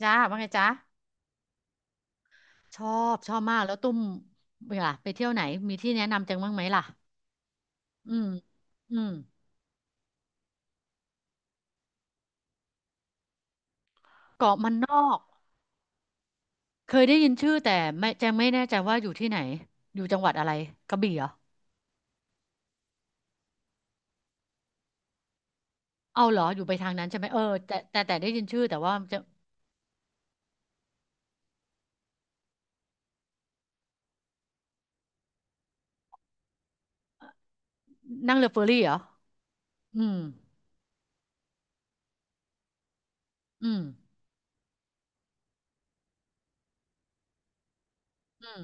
จ้าว่าไงจ้าชอบชอบมากแล้วตุ้มเวลาไปเที่ยวไหนมีที่แนะนำแจงบ้างไหมล่ะอืมอืมเกาะมันนอกเคยได้ยินชื่อแต่ไม่แจงไม่แน่ใจว่าอยู่ที่ไหนอยู่จังหวัดอะไรกระบี่เหรอเอาเหรออยู่ไปทางนั้นใช่ไหมเออแต่ได้ยินชื่อแต่ว่าจะนั่งเรือเฟอร์รี่เหรออืมอืมอืม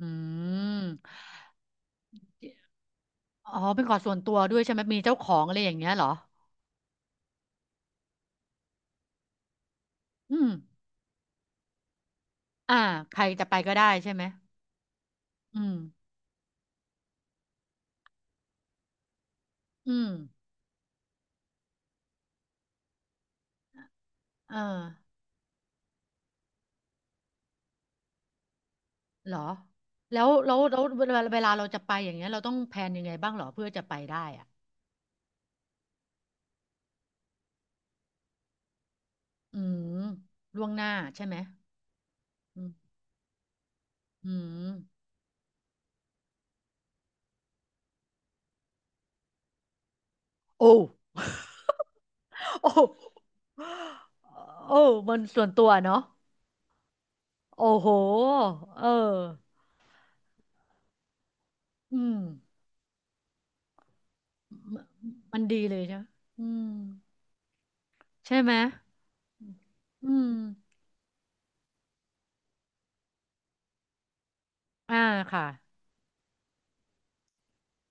อืมอ๋อเป็นเกาะส่วนตัวด้วยใช่ไหมมีเจ้าของอะไรอย่างเงี้ยเหรออืมอ่าใครจะไปก็ได้ใช่ไหมอืมอืมเออ เหรอ แล้วเวลาเราจะไปอย่างเงี้ยเราต้องแพลนยังไงบ้างเหรอเพื่อจะไปได้อ่ะอืมล่วงหน้าใช่ไหมอืมอืมโอ้โอ้โอ้มันส่วนตัวเนาะโอ้โหเอออืมมมันดีเลยใช่ไหมอืมใช่ไหมอืมอ่าค่ะ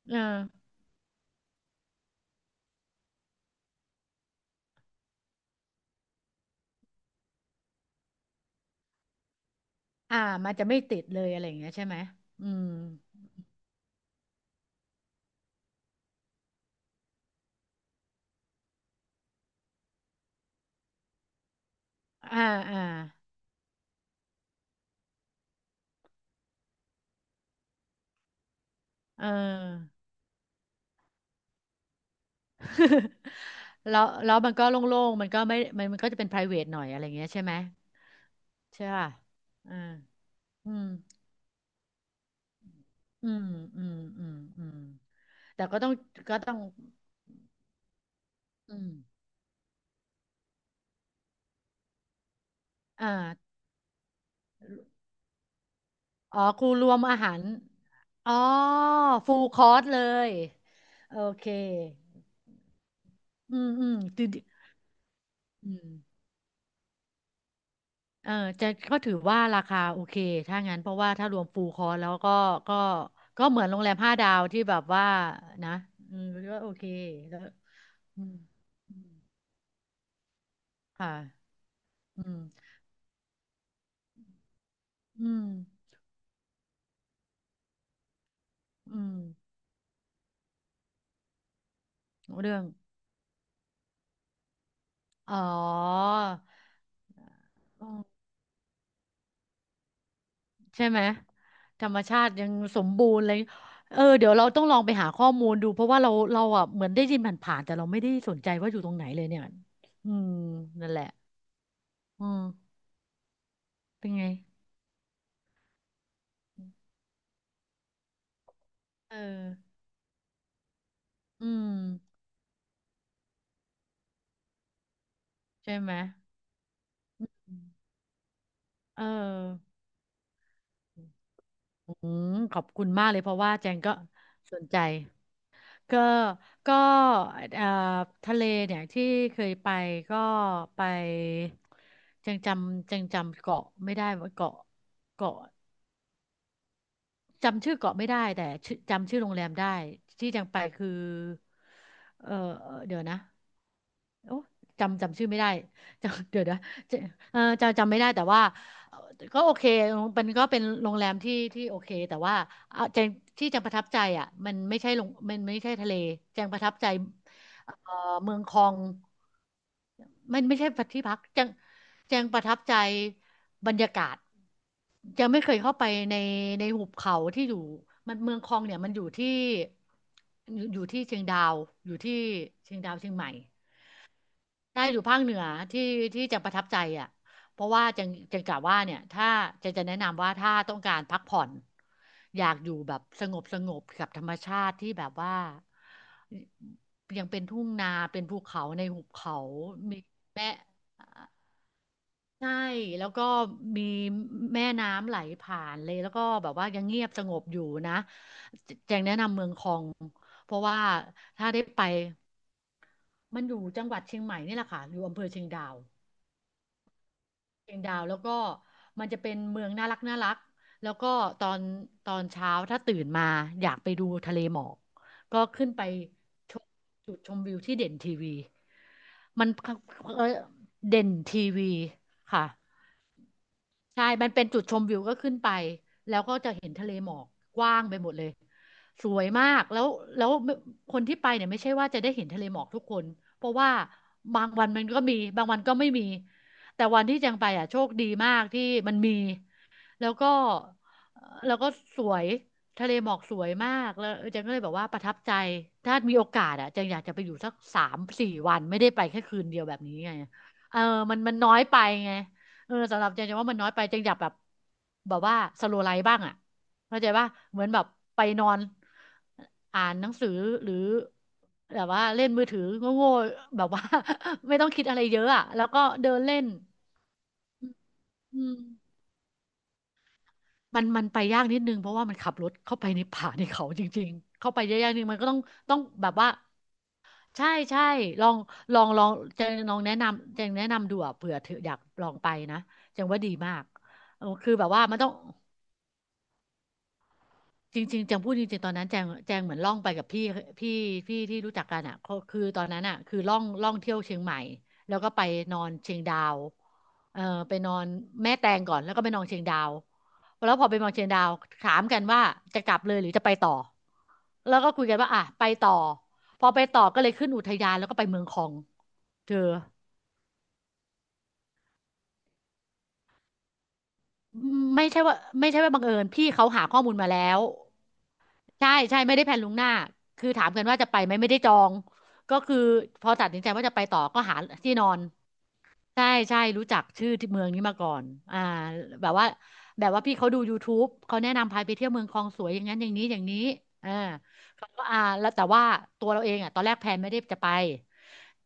เอออ่ามันจะไม่ติดเลยอะไรอย่างเงี้ยใช่ไหมอืมอ่าอ่าเออ แล้วแล้วมันก็โล่งๆมันก็ไม่มันมันก็จะเป็น private หน่อยอะไรเงี้ยใช่ไหมใช่ป่ะอ่าอืมอืม อืม อืม อืม แต่ก็ต้องอืมอ่าอ๋อครูรวมอาหาร อ๋อฟูลคอร์สเลย โอเค อืม อืมดูดิอืม เออจะก็ถือว่าราคาโอเคถ้างั้นเพราะว่าถ้ารวมฟูลคอร์สแล้วก็ก็ก็เหมือนโรงแรม5 ดาวที่แบบว่านะอืมก็โอเคแล้วอืมอืมค่ะอืมอืมอืมเรื่องอ๋ออืมใช่ไหมธรรมชาติยังสมบูรณ์เลยเออเดี๋ยวเราต้องลองไปหาข้อมูลดูเพราะว่าเราอ่ะเหมือนได้ยินผ่านๆแต่เราไม่ได้สนใจว่าอยู่ตรงไหนเลยเนี่ยอืมนั่นแหละอืมเป็นไง เอออืมใช่ไหมอืมเอออืมขอบคุณมากเลยเพราะว่าแจงก็สนใจก็ก็เอ่อทะเลเนี่ยที่เคยไปก็ไปแจงจำเกาะไม่ได้ว่าเกาะเกาะจำชื่อเกาะไม่ได้แต่ชื่อจำชื่อโรงแรมได้ที่แจงไปคือเออเดี๋ยวนะ โอ้จำชื่อไม่ได้ จำเดี๋ยวนะจะเออจะจำไม่ได้แต่ว่าเอ่อก็โอเคมันก็เป็นโรงแรมที่โอเคแต่ว่าเอาแจงที่แจงประทับใจอ่ะมันไม่ใช่ลงมันไม่ใช่ทะเลแจงประทับใจเอ่อเมืองคองมันไม่ใช่ที่พักแจงแจงประทับใจบรรยากาศแจงไม่เคยเข้าไปในหุบเขาที่อยู่มันเมืองคองเนี่ยมันอยู่ที่อยู่ที่เชียงดาวอยู่ที่เชียงดาวเชียงใหม่ ได้อยู่ภาคเหนือที่ที่จังประทับใจอ่ะเพราะว่าจังกะว่าเนี่ยถ้าจังจะแนะนำว่าถ้าต้องการพักผ่อนอยากอยู่แบบสงบสงบกับธรรมชาติที่แบบว่ายังเป็นทุ่งนาเป็นภูเขาในหุบเขามีแม่ใช่แล้วก็มีแม่น้ำไหลผ่านเลยแล้วก็แบบว่ายังเงียบสงบอยู่นะแจงแนะนำเมืองคองเพราะว่าถ้าได้ไปมันอยู่จังหวัดเชียงใหม่นี่แหละค่ะอยู่อำเภอเชียงดาว เชียงดาวแล้วก็มันจะเป็นเมืองน่ารักน่ารักแล้วก็ตอนตอนเช้าถ้าตื่นมาอยากไปดูทะเลหมอกก็ขึ้นไปชมจุดชมวิวที่เด่นทีวีมันเออเด่นทีวีค่ะ ใช่มันเป็นจุดชมวิวก็ขึ้นไป แล้วก็จะเห็นทะเลหมอกกว้างไปหมดเลย สวยมากแล้วคนที่ไปเนี่ยไม่ใช่ว่าจะได้เห็นทะเลหมอกทุกคน เพราะว่าบางวันมันก็มี บางวันก็ไม่มี แต่วันที่จังไปอ่ะโชคดีมากที่มันมี แล้วก็ แล้วก็สวยทะเลหมอกสวยมากแล้วจังก็เลยแบบว่าประทับใจถ้ามีโอกาสอ่ะจังอยากจะไปอยู่สัก3-4 วันไม่ได้ไปแค่คืนเดียวแบบนี้ไงเออมันน้อยไปไง เออสำหรับเจนว่ามันน้อยไปเจนอยากแบบแบบว่าสโลไลฟ์บ้างอ่ะเข้าใจป่ะเหมือนแบบไปนอนอ่านหนังสือหรือแบบว่าเล่นมือถือโง่ๆแบบว่า ไม่ต้องคิดอะไรเยอะอ่ะแล้วก็เดินเล่นอืมมันไปยากนิดนึงเพราะว่ามันขับรถเข้าไปในป่าในเขาจริงๆเข้าไปเยอะๆนี่มันก็ต้องต้องแบบว่าใช่ใช่ลองลองเจนลองแนะนำเจนแนะนำดูอะเผื่อเธออยากลองไปนะเจนว่าดีมากเออคือแบบว่ามันต้อง จริงๆแจงพูดจริงๆตอนนั้นแจงเหมือนล่องไปกับพี่พี่ที่รู้จักกันอ่ะเขาคือตอนนั้นอ่ะคือล่องเที่ยวเชียงใหม่แล้วก็ไปนอนเชียงดาวเออไปนอนแม่แตงก่อนแล้วก็ไปนอนเชียงดาวแล้วพอไปนอนเชียงดาวถามกันว่าจะกลับเลยหรือจะไปต่อแล้วก็คุยกันว่าอ่ะไปต่อพอไปต่อก็เลยขึ้นอุทยานแล้วก็ไปเมืองคองเธอไม่ใช่ว่าบังเอิญพี่เขาหาข้อมูลมาแล้ว ใช่ใช่ไม่ได้แพลนล่วงหน้าคือถามกันว่าจะไปไหมไม่ได้จองก็คือพอตัดสินใจว่าจะไปต่อก็หาที่นอนใช่ใช่รู้จักชื่อที่เมืองนี้มาก่อนอ่าแบบว่าแบบว่าพี่เขาดู YouTube เขาแนะนำพาไปเที่ยวเมืองคลองสวยอย่างนั้นอย่างนี้อ่าเขาก็อ่าแล้วแต่ว่าตัวเราเองอ่ะตอนแรกแพลนไม่ได้จะไป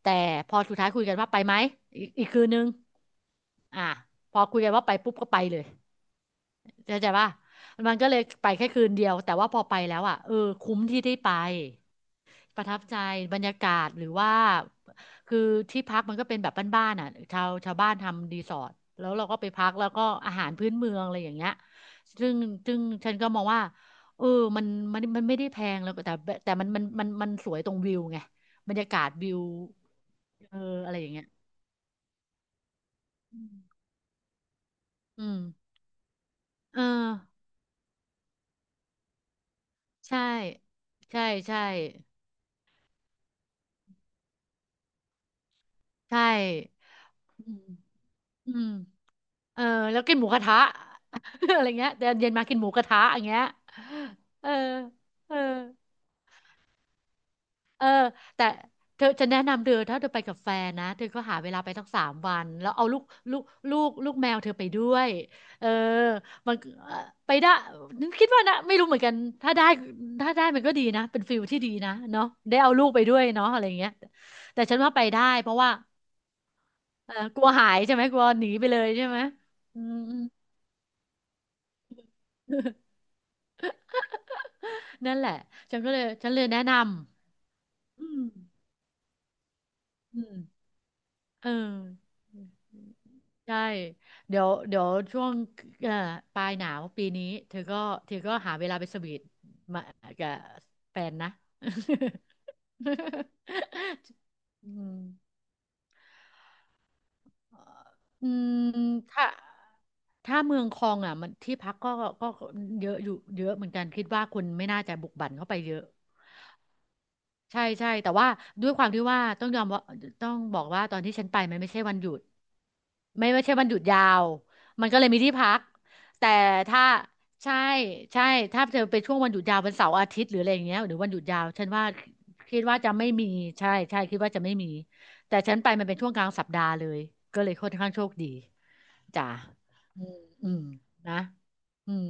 แต่พอสุดท้ายคุยกันว่าไปไหมอีกคืนนึงอ่าพอคุยกันว่าไปปุ๊บก็ไปเลย เข้าใจป่ะมันก็เลยไปแค่คืนเดียว แต่ว่าพอไปแล้วอ่ะเออคุ้มที่ได้ไปประทับใจบรรยากาศหรือว่าคือที่พักมันก็เป็นแบบบ้านๆอ่ะชาวชาวบ้านทำรีสอร์ทแล้วเราก็ไปพักแล้วก็อาหารพื้นเมืองอะไรอย่างเงี้ยซึ่งซึ่งฉันก็มองว่าเออมันมันไม่ได้แพงแล้วแต่แต่มันสวยตรงวิวไงบรรยากาศวิวเอออะไรอย่างเงี้ยอืมอืมเออใช่ใช่ใช่ใช่อืม อืมเออแล้วกินหมูกระทะ อะไรเงี้ยเดี๋ยวเย็นมากินหมูกระทะอย่างเงี้ยเออเออเออแต่เธอจะแนะนำเธอถ้าเธอไปกับแฟนนะเธอก็หาเวลาไปทั้ง3 วันแล้วเอาลูกลูกลูกแมวเธอไปด้วยเออมันไปได้นึกคิดว่านะไม่รู้เหมือนกันถ้าได้ถ้าได้มันก็ดีนะเป็นฟิลที่ดีนะเนาะได้เอาลูกไปด้วยเนาะอะไรเงี้ยแต่ฉันว่าไปได้เพราะว่าเออกลัวหายใช่ไหมกลัวหนีไปเลยใช่ไหมอืม นั่นแหละฉันเลยแนะนำอืมำอืมเออใช่เดี๋ยวช่วงเอ่อปลายหนาวปีนี้เธอก็เธอก็หาเวลาไปสวีทมากับแฟนนะ อืมออืมถ้าถ้าเมืองคลองอ่ะมันที่พักก็เยอะอยู่เยอะเหมือนกันคิดว่าคุณไม่น่าจะบุกบั่นเข้าไปเยอะ ใช่ใช่แต่ว่าด้วยความที่ว่าต้องบอกว่าตอนที่ฉันไปมันไม่ใช่วันหยุดไม่ใช่วันหยุดยาวมันก็เลยมีที่พักแต่ถ้าใช่ใช่ถ้าเธอไปช่วงวันหยุดยาววันเสาร์อาทิตย์หรืออะไรอย่างเงี้ยหรือวันหยุดยาวฉันว่าคิดว่าจะไม่มีใช่ใช่คิดว่าจะไม่มีแต่ฉันไปมันเป็นช่วงกลางสัปดาห์เลยก็เลยค่อนข้างโชคดีจ้ะอืมอืมนะอืม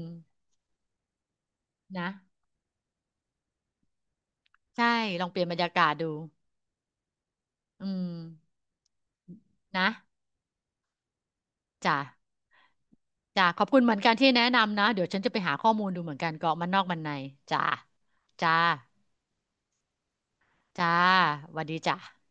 นะใช่ลองเปลี่ยนบรรยากาศดูอืมนะ จ้ะจ้ะขอบคุณเหมือนกันที่แนะนำนะ เดี๋ยวฉันจะไปหาข้อมูลดูเหมือนกันเกาะมันนอกมันในจ้ะจ้ะจ้าสวัสดีจ้ะ